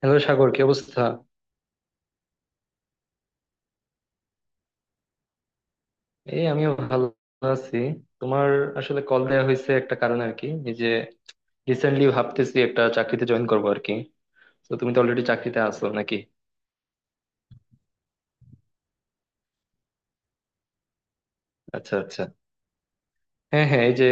Hello Sagar, কি অবস্থা? এই আমিও ভালো আছি। তোমার? আসলে কল দেওয়া হয়েছে একটা কারণে আর কি, এই যে রিসেন্টলি ভাবতেছি একটা চাকরিতে জয়েন করবো আর কি। তো তুমি তো অলরেডি চাকরিতে আছো নাকি? আচ্ছা আচ্ছা। হ্যাঁ হ্যাঁ, এই যে,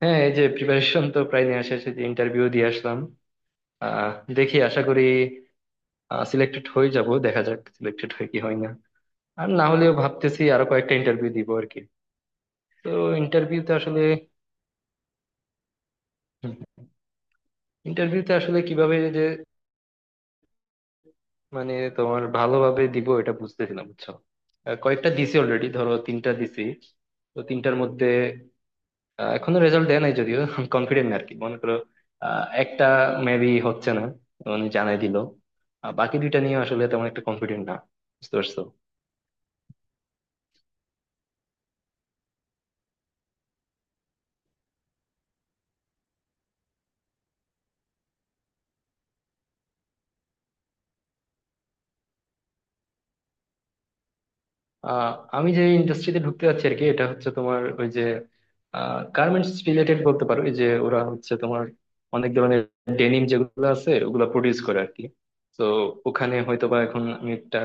হ্যাঁ এই যে প্রিপারেশন তো প্রায় নেওয়া শেষ, এই যে ইন্টারভিউ দিয়ে আসলাম। আহ দেখি আশা করি সিলেক্টেড হয়ে যাব, দেখা যাক সিলেক্টেড হয় কি হয় না। আর না হলেও ভাবতেছি আরো কয়েকটা ইন্টারভিউ দিব আর কি। তো ইন্টারভিউতে আসলে ইন্টারভিউতে আসলে কিভাবে যে, মানে তোমার ভালোভাবে দিব এটা বুঝতেছিলাম, বুঝছো? কয়েকটা দিছি অলরেডি, ধরো তিনটা দিছি। তো তিনটার মধ্যে এখনো রেজাল্ট দেয় নাই যদিও কনফিডেন্ট না আরকি, মনে করো একটা মেবি হচ্ছে না, মানে জানাই দিল। আর বাকি দুইটা নিয়ে আসলে তেমন একটা কনফিডেন্ট না, বুঝতে পারছো? আহ আমি যে ইন্ডাস্ট্রিতে ঢুকতে যাচ্ছি আর কি, এটা হচ্ছে তোমার ওই যে গার্মেন্টস রিলেটেড বলতে পারো। এই যে ওরা হচ্ছে তোমার অনেক ধরনের ডেনিম যেগুলো আছে ওগুলো প্রডিউস করে আর কি। তো ওখানে হয়তোবা এখন আমি একটা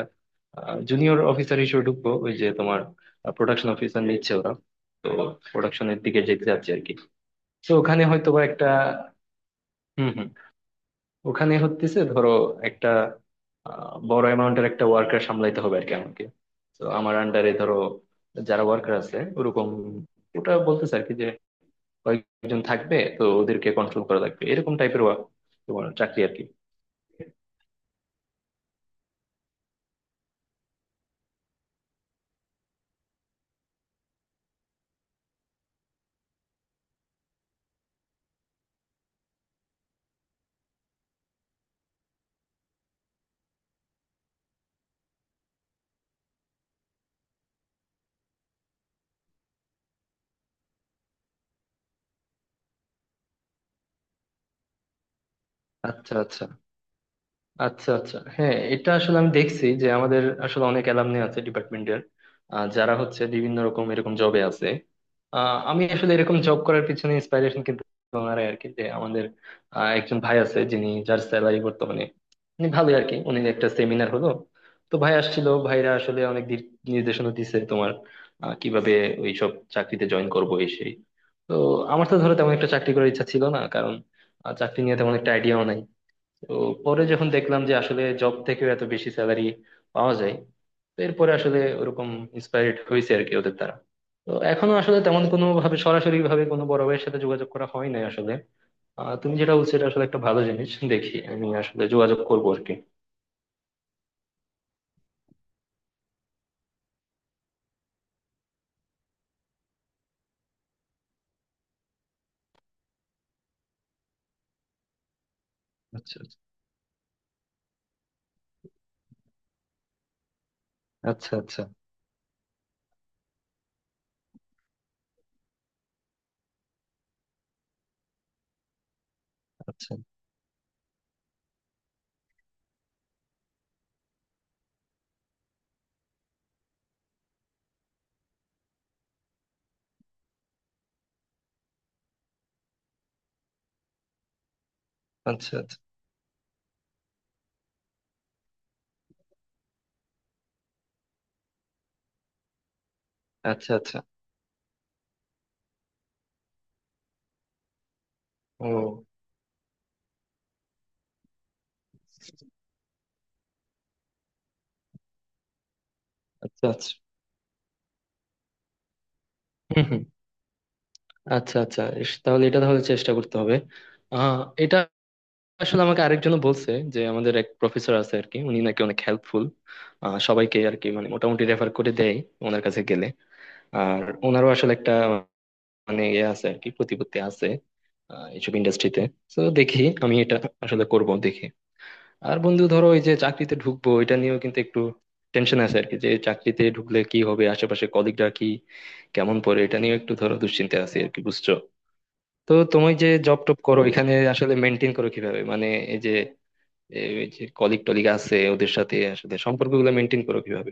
জুনিয়র অফিসার হিসেবে ঢুকবো, ওই যে তোমার প্রোডাকশন অফিসার নিচ্ছে ওরা। তো প্রোডাকশনের দিকে যেতে যাচ্ছে আর কি। তো ওখানে হয়তোবা একটা, হম ওখানে হতেছে ধরো একটা বড় অ্যামাউন্টের একটা ওয়ার্কার সামলাইতে হবে আর কি আমাকে। তো আমার আন্ডারে ধরো যারা ওয়ার্কার আছে ওরকম, ওটা বলতেছে আর কি, যে কয়েকজন থাকবে, তো ওদেরকে কন্ট্রোল করা লাগবে এরকম টাইপের তোমার চাকরি আর কি। আচ্ছা আচ্ছা। আচ্ছা আচ্ছা হ্যাঁ, এটা আসলে আমি দেখছি যে আমাদের আসলে অনেক অ্যালামনি আছে ডিপার্টমেন্টের, যারা হচ্ছে বিভিন্ন রকম এরকম জবে আছে। আমি আসলে এরকম জব করার পিছনে ইন্সপাইরেশন কিন্তু ওনারাই আর কি, যে আমাদের একজন ভাই আছে যিনি, যার স্যালারি বর্তমানে উনি ভালোই আর কি। উনি একটা সেমিনার হলো তো ভাই আসছিল, ভাইরা আসলে অনেক দিক নির্দেশনা দিছে তোমার, কিভাবে ওইসব চাকরিতে জয়েন করবো এই সেই। তো আমার তো ধরো তেমন একটা চাকরি করার ইচ্ছা ছিল না, কারণ চাকরি নিয়ে তেমন একটা আইডিয়াও নাই। তো পরে যখন দেখলাম যে আসলে জব থেকেও এত বেশি স্যালারি পাওয়া যায়, তো এরপরে আসলে ওরকম ইন্সপায়ার্ড হয়েছে আর কি ওদের দ্বারা। তো এখনো আসলে তেমন কোনো ভাবে, সরাসরি ভাবে কোনো বড় ভাইয়ের সাথে যোগাযোগ করা হয় নাই আসলে। তুমি যেটা বলছো এটা আসলে একটা ভালো জিনিস, দেখি আমি আসলে যোগাযোগ করবো আর কি। আচ্ছা আচ্ছা। আচ্ছা আচ্ছা। আচ্ছা আচ্ছা। আচ্ছা আচ্ছা। ও আচ্ছা আচ্ছা। হম হম। আচ্ছা আচ্ছা ইস, তাহলে এটা তাহলে চেষ্টা করতে হবে। আহ এটা আসলে আমাকে আরেকজন বলছে যে আমাদের এক প্রফেসর আছে আর কি, উনি নাকি অনেক হেল্পফুল, সবাইকে আর কি মানে মোটামুটি রেফার করে দেয় ওনার কাছে গেলে। আর ওনারও আসলে একটা, মানে ইয়ে আছে আর কি, প্রতিপত্তি আছে এইসব ইন্ডাস্ট্রিতে। তো দেখি আমি এটা আসলে করব, দেখি। আর বন্ধু ধরো ওই যে চাকরিতে ঢুকবো এটা নিয়েও কিন্তু একটু টেনশন আছে আর কি, যে চাকরিতে ঢুকলে কি হবে, আশেপাশে কলিগরা কি কেমন পড়ে, এটা নিয়ে একটু ধরো দুশ্চিন্তা আছে আর কি, বুঝছো? তো তুমি যে জব টপ করো এখানে আসলে মেনটেন করো কিভাবে, মানে যে ওই যে কলিগ টলিগ আছে ওদের সাথে আসলে সম্পর্কগুলো মেনটেন করো কিভাবে?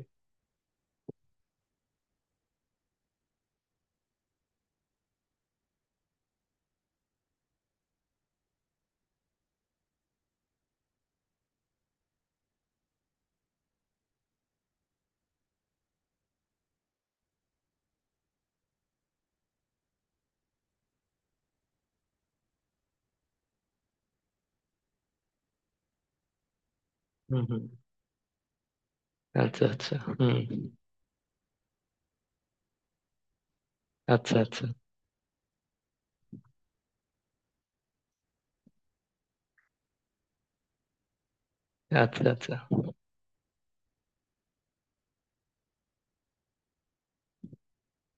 হুম হুম। আচ্ছা আচ্ছা হুম। আচ্ছা আচ্ছা। আচ্ছা আচ্ছা।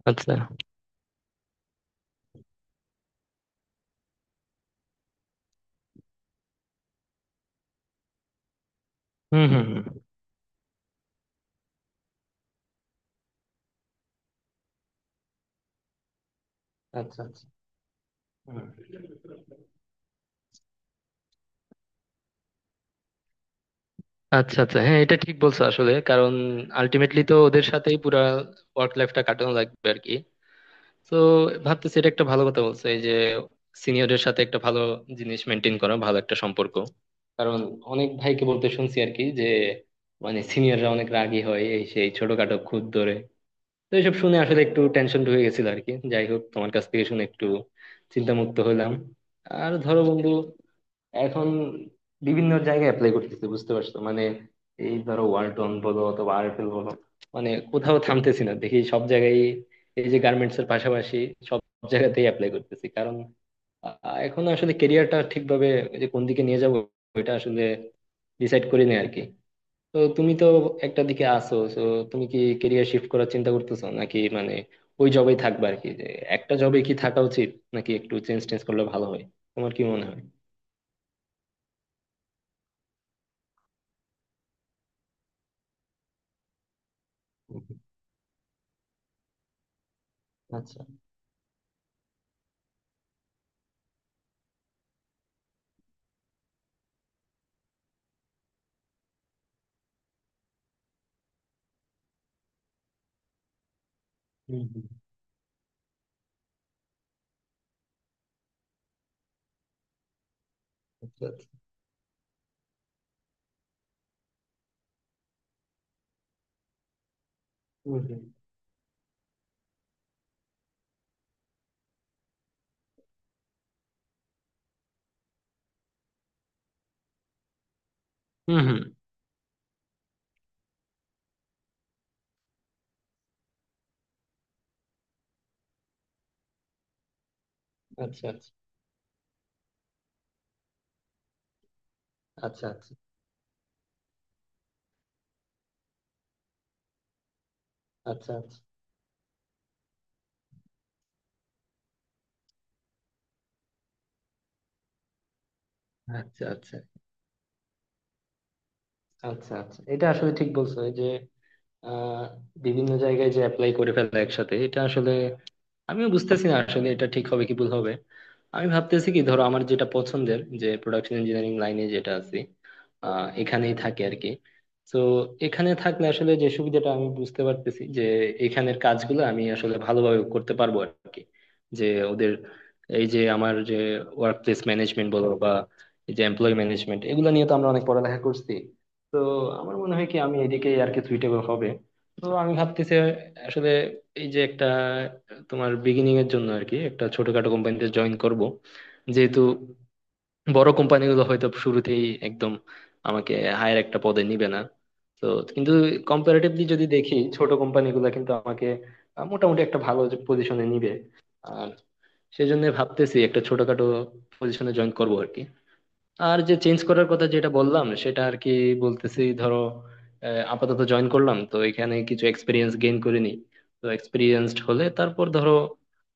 আচ্ছা হুম হুম হুম। আচ্ছা আচ্ছা হুম। আচ্ছা আচ্ছা হ্যাঁ, এটা ঠিক বলছো আসলে, কারণ আলটিমেটলি তো ওদের সাথেই পুরা ওয়ার্ক লাইফটা কাটানো লাগবে আর কি। তো ভাবতেছি এটা একটা ভালো কথা বলছে, এই যে সিনিয়রের সাথে একটা ভালো জিনিস মেনটেন করা, ভালো একটা সম্পর্ক। কারণ অনেক ভাইকে বলতে শুনছি আর কি যে, মানে সিনিয়ররা অনেক রাগী হয়, এই সেই, ছোটখাটো খুঁত ধরে। তো এইসব শুনে আসলে একটু টেনশন ঢুকে গেছিল আর কি। যাই হোক, তোমার কাছ থেকে শুনে একটু চিন্তামুক্ত হলাম। আর ধরো বন্ধু এখন বিভিন্ন জায়গায় অ্যাপ্লাই করতেছি, বুঝতে পারছো মানে, এই ধরো ওয়ালটন বলো অথবা আরএফএল বলো, মানে কোথাও থামতেছি না, দেখি সব জায়গায়, এই যে গার্মেন্টস এর পাশাপাশি সব জায়গাতেই অ্যাপ্লাই করতেছি। কারণ এখন আসলে কেরিয়ারটা ঠিকভাবে এই যে কোন দিকে নিয়ে যাবো এটা আসলে ডিসাইড করি না আর কি। তো তুমি তো একটা দিকে আছো, তো তুমি কি কেরিয়ার শিফট করার চিন্তা করতেছো নাকি, মানে ওই জবেই থাকবে আর কি, যে একটা জবে কি থাকা উচিত নাকি একটু চেঞ্জ টেঞ্জ করলে ভালো হয়, তোমার কি মনে হয়? আচ্ছা হুম হুম। আচ্ছা আচ্ছা হুম হুম হুম হুম। আচ্ছা আচ্ছা। আচ্ছা আচ্ছা। আচ্ছা আচ্ছা। আচ্ছা আচ্ছা এটা আসলে ঠিক বলছো, এই যে আহ বিভিন্ন জায়গায় যে অ্যাপ্লাই করে ফেলে একসাথে এটা আসলে আমিও বুঝতেছি না আসলে এটা ঠিক হবে কি ভুল হবে। আমি ভাবতেছি কি, ধরো আমার যেটা পছন্দের যে প্রোডাকশন ইঞ্জিনিয়ারিং লাইনে যেটা আছি এখানেই থাকি আর কি। তো এখানে থাকলে আসলে যে সুবিধাটা আমি বুঝতে পারতেছি যে এখানের কাজগুলো আমি আসলে ভালোভাবে করতে পারবো আর কি। যে ওদের এই যে আমার যে ওয়ার্ক প্লেস ম্যানেজমেন্ট বলো বা এই যে এমপ্লয় ম্যানেজমেন্ট, এগুলো নিয়ে তো আমরা অনেক পড়ালেখা করছি। তো আমার মনে হয় কি আমি এদিকে আর কি সুইটেবল হবে। তো আমি ভাবতেছি আসলে এই যে একটা তোমার বিগিনিং এর জন্য আর কি একটা ছোটখাটো কোম্পানিতে জয়েন করব, যেহেতু বড় কোম্পানিগুলো হয়তো শুরুতেই একদম আমাকে হায়ার একটা পদে নিবে না। তো কিন্তু কম্পারেটিভলি যদি দেখি ছোট কোম্পানিগুলো কিন্তু আমাকে মোটামুটি একটা ভালো পজিশনে নিবে। আর সেজন্য ভাবতেছি একটা ছোটখাটো পজিশনে জয়েন করব আর কি। আর যে চেঞ্জ করার কথা যেটা বললাম সেটা আর কি, বলতেছি ধরো আপাতত জয়েন করলাম তো এখানে কিছু এক্সপিরিয়েন্স গেইন করে নিই। তো এক্সপিরিয়েন্সড হলে তারপর ধরো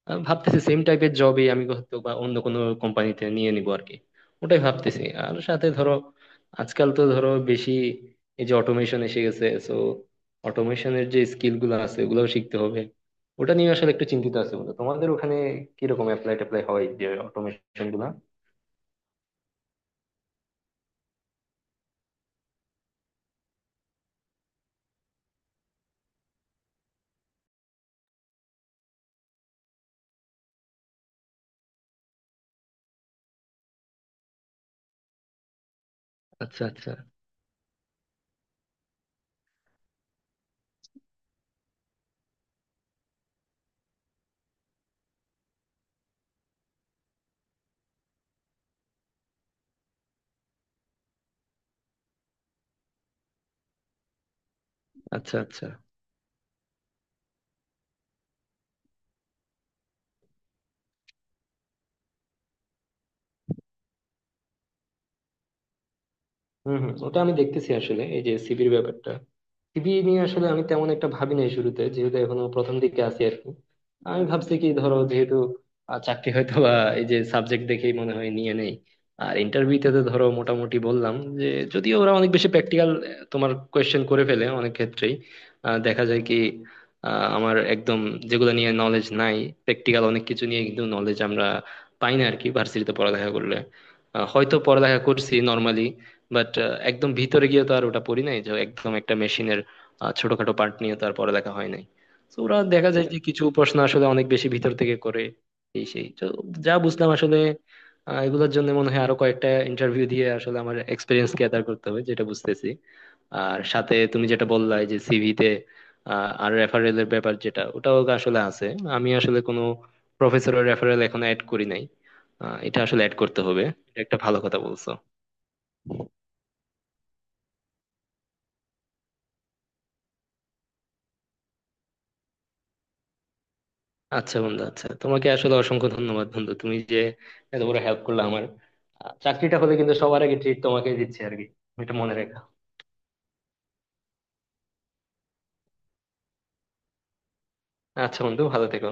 ভাবতেছি সেম টাইপের জবই আমি হয়তো বা অন্য কোনো কোম্পানিতে নিয়ে নিবো আর কি। ওটাই ভাবতেছি। আর সাথে ধরো আজকাল তো ধরো বেশি এই যে অটোমেশন এসে গেছে, সো অটোমেশনের যে স্কিল গুলো আছে ওগুলোও শিখতে হবে। ওটা নিয়ে আসলে একটু চিন্তিত আছে, বলে তোমাদের ওখানে কিরকম অ্যাপ্লাই ট্যাপ্লাই হয় যে অটোমেশন গুলা? আচ্ছা আচ্ছা। আচ্ছা আচ্ছা। হম হম, ওটা আমি দেখতেছি আসলে এই যে সিভির ব্যাপারটা, বিয়ে নিয়ে আসলে আমি তেমন একটা ভাবি নাই শুরুতে, যেহেতু এখনো প্রথম দিকে আছি আর কি। আমি ভাবছি কি ধরো যেহেতু চাকরি হয়তো বা এই যে সাবজেক্ট দেখেই মনে হয় নিয়ে নেই। আর ইন্টারভিউতে তো ধরো মোটামুটি বললাম যে, যদিও ওরা অনেক বেশি প্র্যাকটিক্যাল তোমার কোয়েশ্চেন করে ফেলে অনেক ক্ষেত্রেই, দেখা যায় কি আমার একদম যেগুলো নিয়ে নলেজ নাই, প্র্যাকটিক্যাল অনেক কিছু নিয়ে কিন্তু নলেজ আমরা পাই না আর কি ভার্সিটিতে পড়ালেখা করলে। হয়তো পড়ালেখা করছি নর্মালি, বাট একদম ভিতরে গিয়ে তো আর ওটা পড়ি নাই, যে একদম একটা মেশিনের ছোটখাটো পার্ট নিয়ে তার পড়ালেখা হয় নাই। তো ওরা দেখা যায় যে কিছু প্রশ্ন আসলে অনেক বেশি ভিতর থেকে করে, এই সেই। তো যা বুঝলাম আসলে, এগুলোর জন্য মনে হয় আরো কয়েকটা ইন্টারভিউ দিয়ে আসলে আমার এক্সপিরিয়েন্স গ্যাদার করতে হবে, যেটা বুঝতেছি। আর সাথে তুমি যেটা বললা এই যে সিভিতে আর রেফারেল এর ব্যাপার যেটা, ওটাও আসলে আছে। আমি আসলে কোনো প্রফেসরের রেফারেল এখনো অ্যাড করি নাই, এটা আসলে অ্যাড করতে হবে, এটা একটা ভালো কথা বলছো। আচ্ছা বন্ধু, আচ্ছা তোমাকে আসলে অসংখ্য ধন্যবাদ বন্ধু, তুমি যে এত বড় হেল্প করলে আমার। চাকরিটা হলে কিন্তু সবার আগে ট্রিট তোমাকে দিচ্ছি আর কি, এটা মনে রেখো। আচ্ছা বন্ধু, ভালো থেকো।